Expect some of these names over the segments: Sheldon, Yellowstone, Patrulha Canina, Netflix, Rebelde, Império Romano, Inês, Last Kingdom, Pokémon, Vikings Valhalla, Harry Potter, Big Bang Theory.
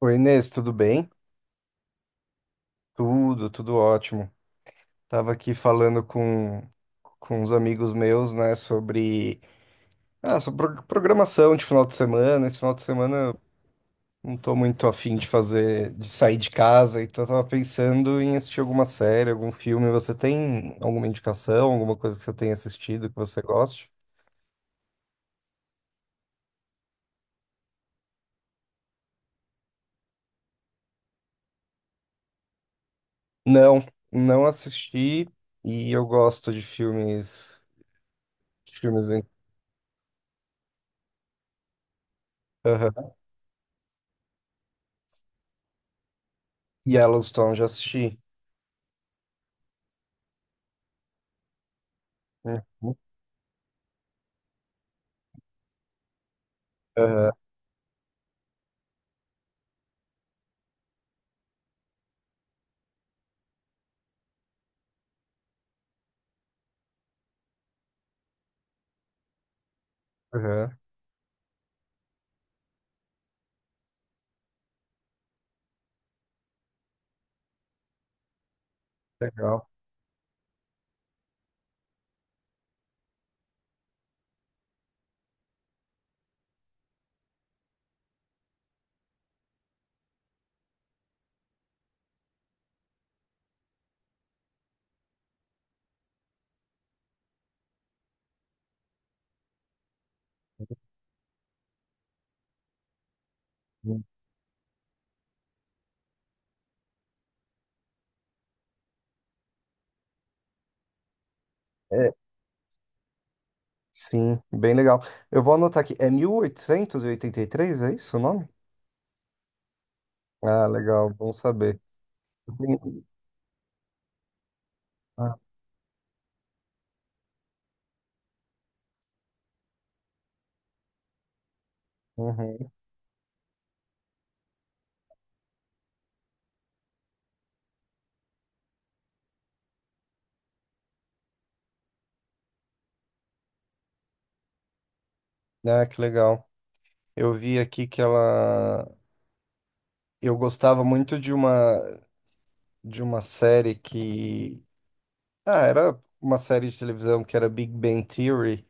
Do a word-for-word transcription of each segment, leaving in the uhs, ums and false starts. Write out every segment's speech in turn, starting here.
Oi, Inês, tudo bem? Tudo, tudo ótimo. Tava aqui falando com, com uns amigos meus, né, sobre, ah, sobre pro- programação de final de semana. Esse final de semana eu não tô muito afim de fazer, de sair de casa, então eu tava pensando em assistir alguma série, algum filme. Você tem alguma indicação, alguma coisa que você tenha assistido que você goste? Não, não assisti e eu gosto de filmes, de filmes, em. Aham. Yellowstone, já assisti. Uhum. Aham, aham. Legal. É, sim, bem legal. Eu vou anotar aqui. É mil oitocentos e e oitenta e três, é isso o nome? Ah, legal, bom saber. Eu tenho- Ah, uhum. Ah, que legal. Eu vi aqui que ela. Eu gostava muito de uma de uma série que. Ah, era uma série de televisão que era Big Bang Theory.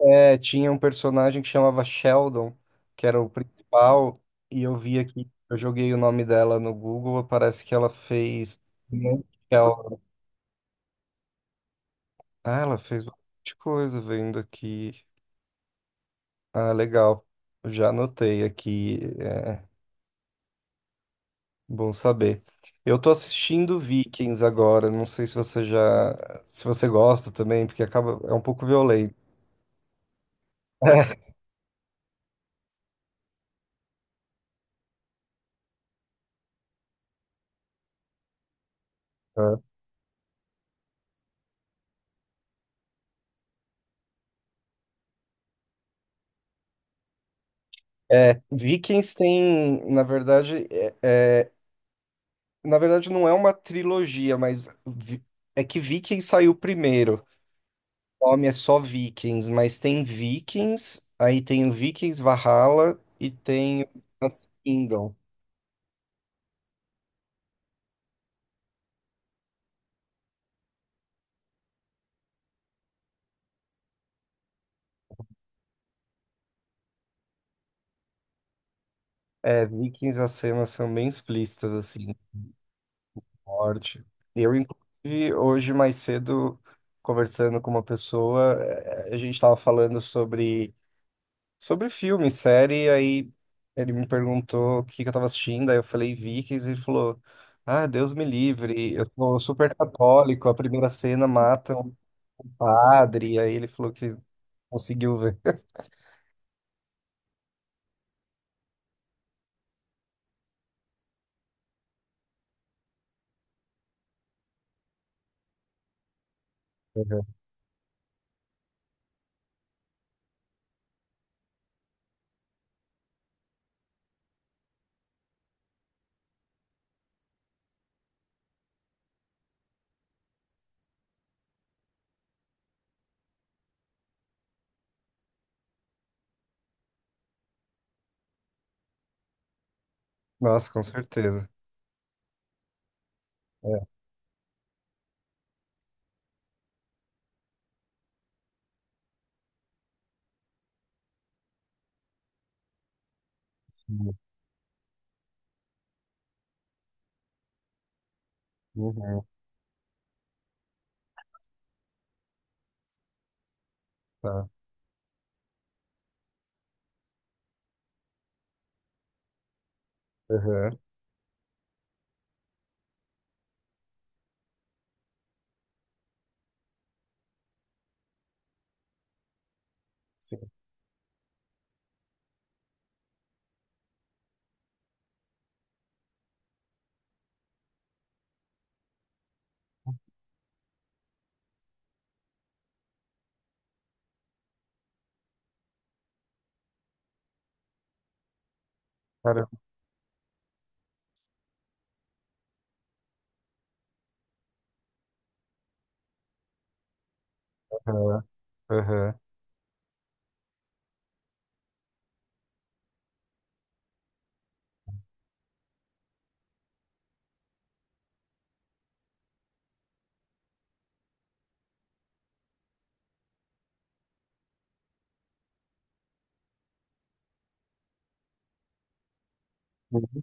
É, tinha um personagem que chamava Sheldon, que era o principal, e eu vi aqui, eu joguei o nome dela no Google, parece que ela fez. Sheldon. Ah, ela fez bastante coisa vendo aqui. Ah, legal. Já anotei aqui, é bom saber. Eu tô assistindo Vikings agora, não sei se você já, se você gosta também, porque acaba, é um pouco violento. É, Vikings tem, na verdade, é. é na verdade, não é uma trilogia, mas vi- é que Vikings saiu primeiro. O nome é só Vikings, mas tem Vikings, aí tem o Vikings Valhalla e tem o Last Kingdom. É, Vikings, as cenas são bem explícitas, assim, forte. Eu, inclusive, hoje mais cedo, conversando com uma pessoa, eh, a gente estava falando sobre. Sobre filme, série, aí ele me perguntou o que que eu tava assistindo, aí eu falei Vikings e ele falou: Ah, Deus me livre, eu sou super católico, a primeira cena mata um padre. Aí ele falou que conseguiu ver. Uhum. Nossa, com certeza. É, sim. Uhum, tá. Uhum, sim. Caramba, uhum, uhum. Uhum.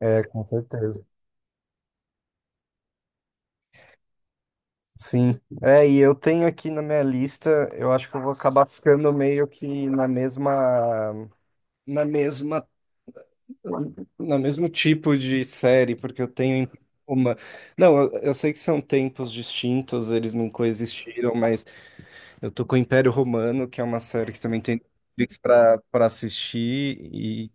É, com certeza. Sim. É, e eu tenho aqui na minha lista, eu acho que eu vou acabar ficando meio que na mesma, na mesma No mesmo tipo de série, porque eu tenho uma. Não, eu, eu sei que são tempos distintos, eles não coexistiram, mas eu tô com o Império Romano, que é uma série que também tem Netflix pra, pra assistir, e,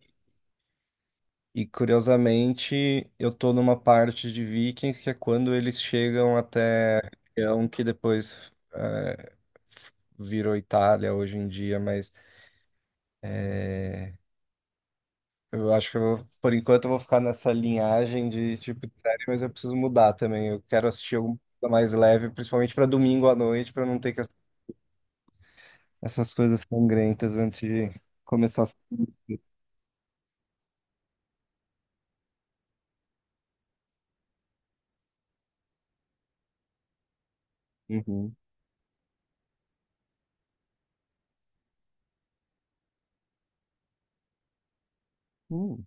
e curiosamente eu tô numa parte de Vikings que é quando eles chegam até a região que depois eh, virou Itália hoje em dia, mas. Eu acho que eu vou- por enquanto eu vou ficar nessa linhagem de tipo de série, mas eu preciso mudar também. Eu quero assistir alguma coisa mais leve, principalmente para domingo à noite, para não ter que ass- essas coisas sangrentas antes de começar a assistir. Uhum. Hum.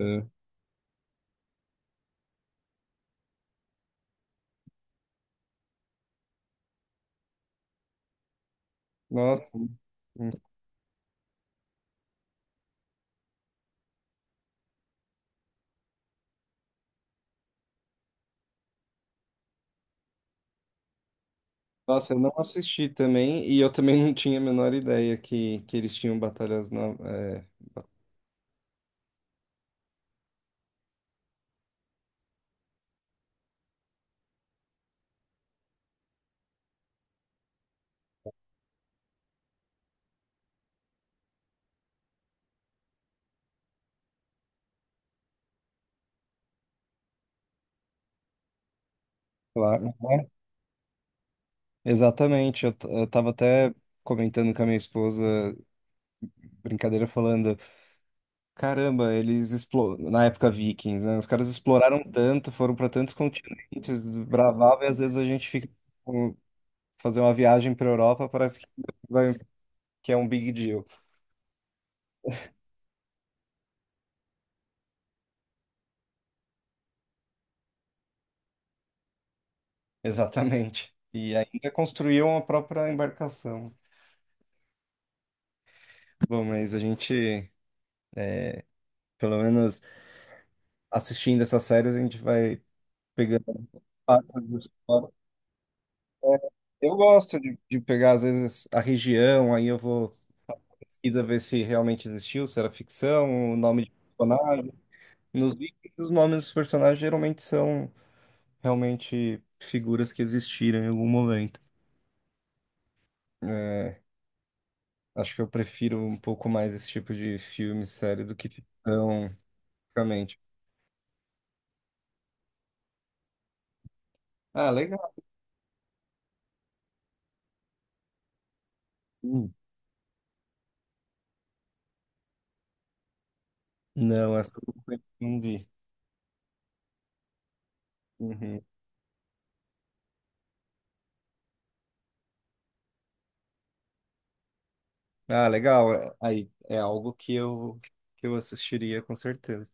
É. Nossa. Hum. Nossa, eu não assisti também, e eu também não tinha a menor ideia que, que, eles tinham batalhas na, é, lá, né? Exatamente, eu, t- eu tava até comentando com a minha esposa, brincadeira, falando. Caramba, eles explo, na época Vikings, né? Os caras exploraram tanto, foram para tantos continentes, bravava, e às vezes a gente fica com- fazer uma viagem para Europa, parece que vai, que é um big deal. Exatamente. E ainda construíam a própria embarcação. Bom, mas a gente, é, pelo menos assistindo essas séries, a gente vai pegando fatos. É, eu gosto de, de pegar, às vezes, a região, aí eu vou fazer uma pesquisa, ver se realmente existiu, se era ficção, o nome de personagem. Nos livros, os nomes dos personagens geralmente são realmente figuras que existiram em algum momento. É, acho que eu prefiro um pouco mais esse tipo de filme, série, do que ficção, realmente. Ah, legal. Hum. Não, essa eu não vi. Uhum. Ah, legal. É- Aí, é algo que eu, que eu assistiria com certeza.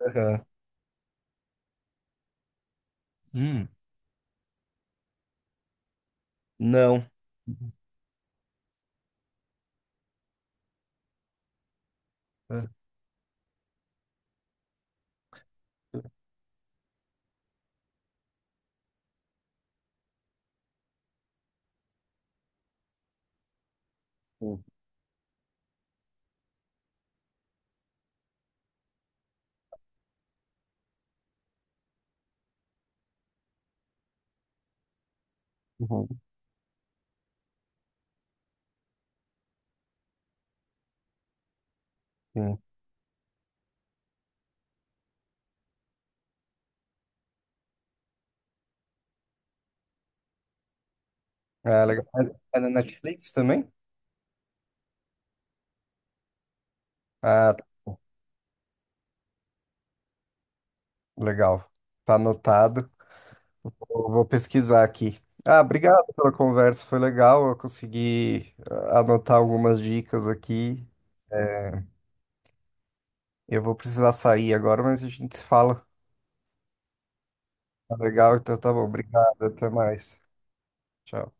Aham. Hum. Não. É. Hum, uhum, sim. Ah, legal. Tá na Netflix também? Ah, legal. Tá anotado. Vou vou pesquisar aqui. Ah, obrigado pela conversa, foi legal. Eu consegui ah, anotar algumas dicas aqui. Eu vou precisar sair agora, mas a gente se fala. Tá legal, então tá bom. Obrigado, até mais. Tchau.